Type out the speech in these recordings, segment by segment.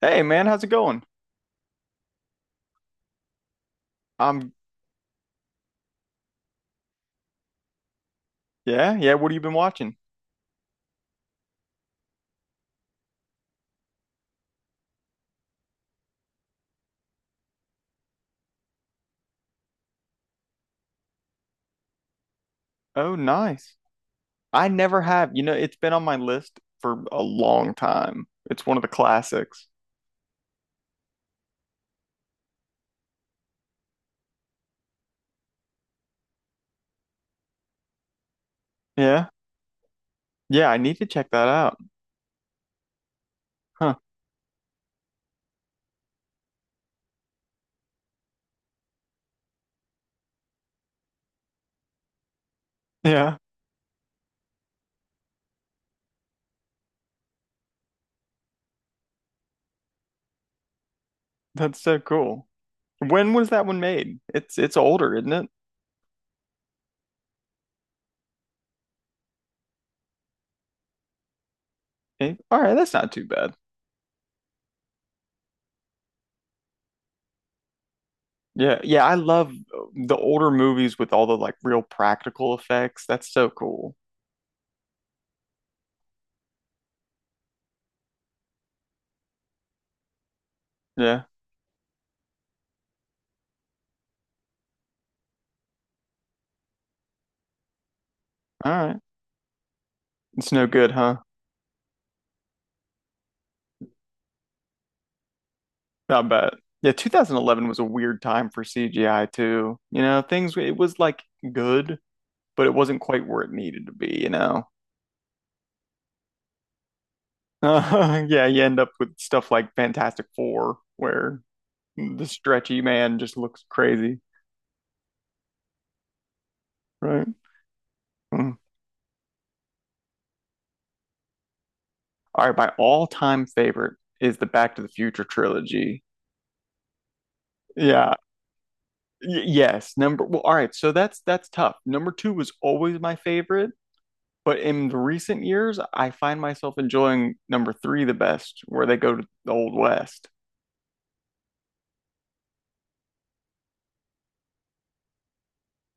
Hey man, how's it going? Um, yeah, yeah, what have you been watching? Oh, nice. I never have. You know, it's been on my list for a long time. It's one of the classics. Yeah. Yeah, I need to check that out. Huh. Yeah, that's so cool. When was that one made? It's older, isn't it? Eh, all right, that's not too bad. Yeah, yeah, I love the older movies with all the like real practical effects. That's so cool. Yeah. All right. It's no good, huh? I bet. Yeah, 2011 was a weird time for CGI too. You know, things it was like good, but it wasn't quite where it needed to be, you know. Yeah, you end up with stuff like Fantastic Four where the stretchy man just looks crazy, right? Mm. All right, my all-time favorite is the Back to the Future trilogy. Yeah. Yes, number, well, all right, so that's tough. Number two was always my favorite. But in the recent years, I find myself enjoying number three the best, where they go to the Old West.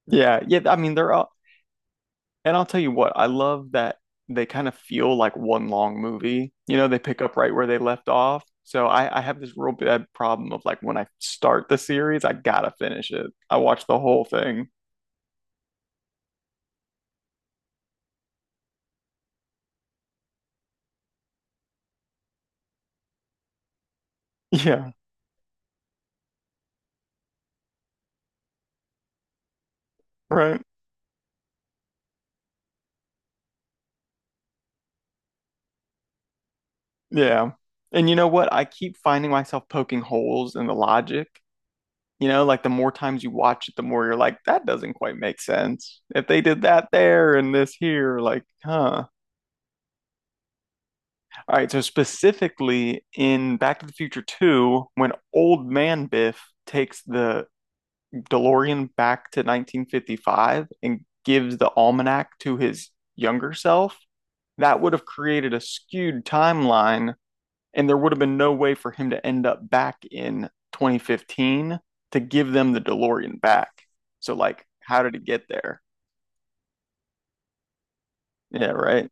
Yeah, yeah. I mean, they're all, and I'll tell you what, I love that they kind of feel like one long movie. You know, they pick up right where they left off. So I have this real bad problem of like when I start the series, I gotta finish it. I watch the whole thing. Yeah, right. Yeah. And you know what? I keep finding myself poking holes in the logic. You know, like the more times you watch it, the more you're like, that doesn't quite make sense. If they did that there and this here, like, huh. All right, so specifically in Back to the Future 2, when old man Biff takes the DeLorean back to 1955 and gives the almanac to his younger self, that would have created a skewed timeline and there would have been no way for him to end up back in 2015 to give them the DeLorean back. So like, how did it get there? Yeah, right.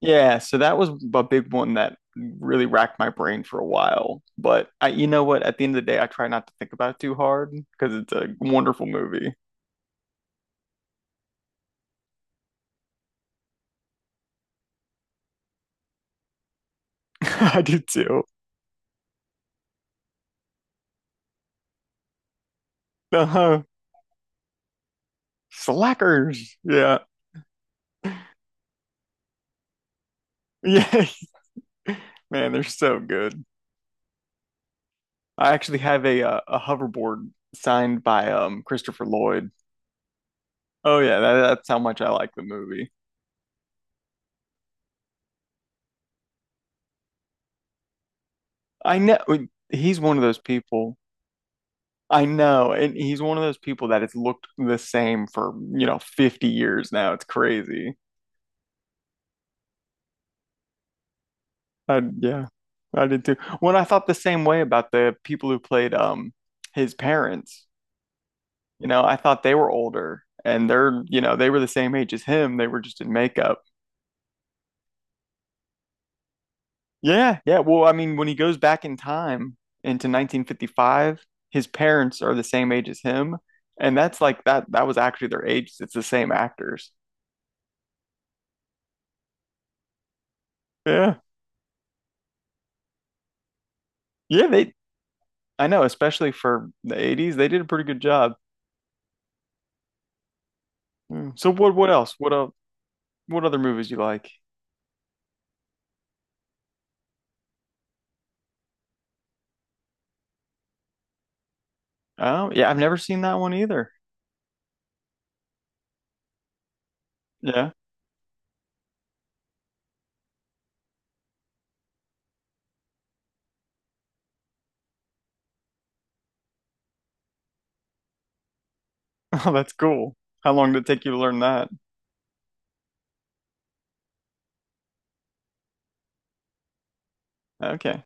Yeah, so that was a big one that really racked my brain for a while. But I, you know what? At the end of the day, I try not to think about it too hard because it's a wonderful movie. I do too. Uh-huh. Slackers. Yeah. Yeah. Man, they're so good. I actually have a hoverboard signed by Christopher Lloyd. Oh yeah, that's how much I like the movie. I know, he's one of those people. I know, and he's one of those people that has looked the same for, you know, 50 years now. It's crazy. I, yeah, I did too. When I thought the same way about the people who played his parents, you know, I thought they were older and they're, you know, they were the same age as him. They were just in makeup. Yeah, yeah. Well, I mean, when he goes back in time into 1955, his parents are the same age as him, and that's like that was actually their age. It's the same actors. Yeah. Yeah, they I know, especially for the 80s, they did a pretty good job. Mm. So what else? What other movies you like? Oh, yeah, I've never seen that one either. Yeah. Oh, that's cool. How long did it take you to learn that? Okay.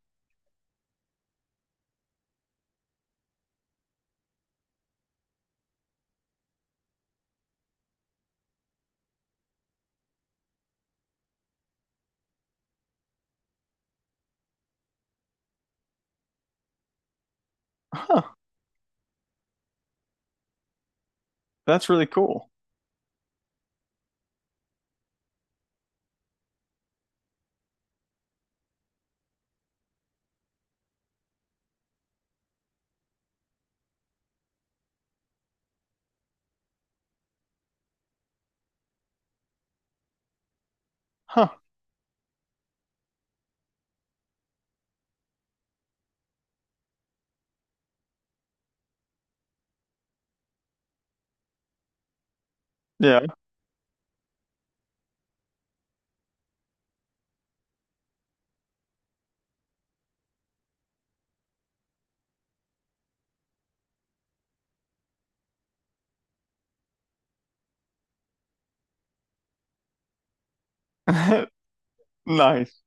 Huh. That's really cool. Huh. Yeah. Nice.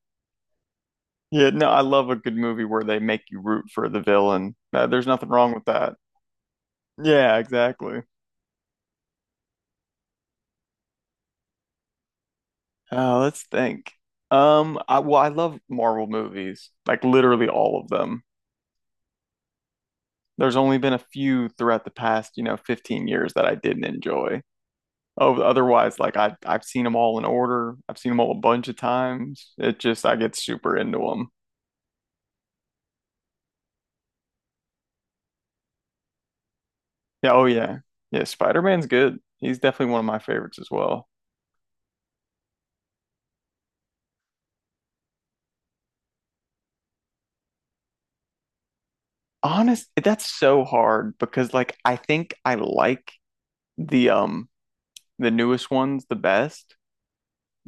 Yeah, no, I love a good movie where they make you root for the villain. There's nothing wrong with that. Yeah, exactly. Let's think. I Well, I love Marvel movies, like literally all of them. There's only been a few throughout the past, you know, 15 years that I didn't enjoy. Oh, otherwise, like I've seen them all in order. I've seen them all a bunch of times. It just I get super into them. Yeah, oh yeah. Yeah, Spider-Man's good. He's definitely one of my favorites as well. Honest, that's so hard because like I think I like the um the newest ones the best,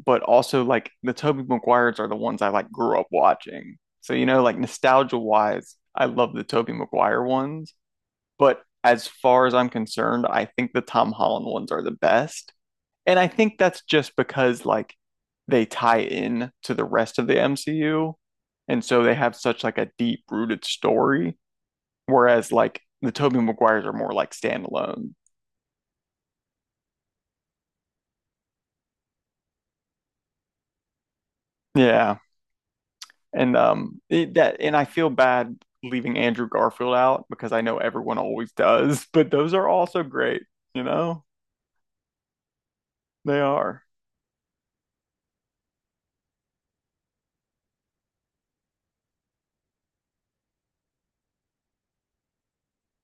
but also like the Tobey Maguires are the ones I like grew up watching. So you know, like nostalgia wise, I love the Tobey Maguire ones, but as far as I'm concerned, I think the Tom Holland ones are the best. And I think that's just because like they tie in to the rest of the MCU, and so they have such like a deep rooted story. Whereas like the Tobey Maguires are more like standalone. Yeah. And it, that and I feel bad leaving Andrew Garfield out because I know everyone always does, but those are also great, you know? They are.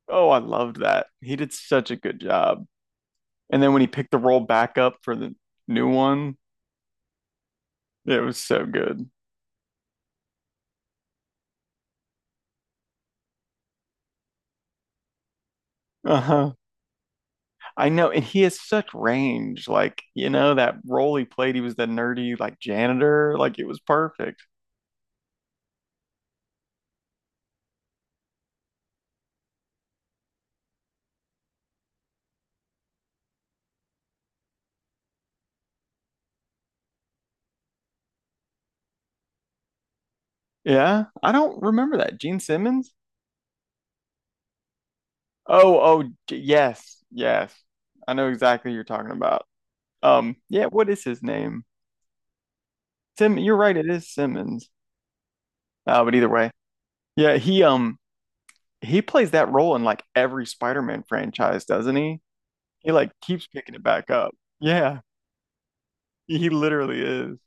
Oh, I loved that. He did such a good job. And then when he picked the role back up for the new one, it was so good. Uh-huh. I know, and he has such range. Like, you know, that role he played, he was the nerdy like janitor, like it was perfect. Yeah, I don't remember that. Gene Simmons? Oh, oh, yes, yes. I know exactly who you're talking about. Yeah, what is his name? Sim, you're right, it is Simmons. But either way, yeah, he plays that role in like every Spider-Man franchise, doesn't he? He like keeps picking it back up. Yeah, he literally is.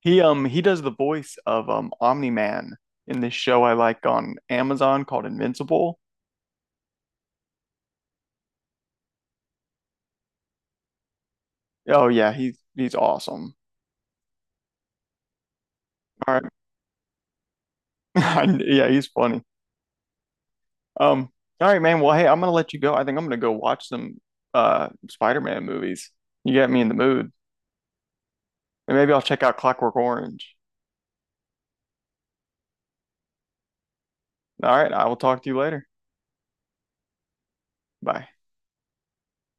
He does the voice of Omni-Man in this show I like on Amazon called Invincible. Oh yeah, he's awesome. All right. Yeah, he's funny. Um, all right, man. Well, hey, I'm gonna let you go. I think I'm gonna go watch some Spider-Man movies. You got me in the mood. And maybe I'll check out Clockwork Orange. All right, I will talk to you later. Bye.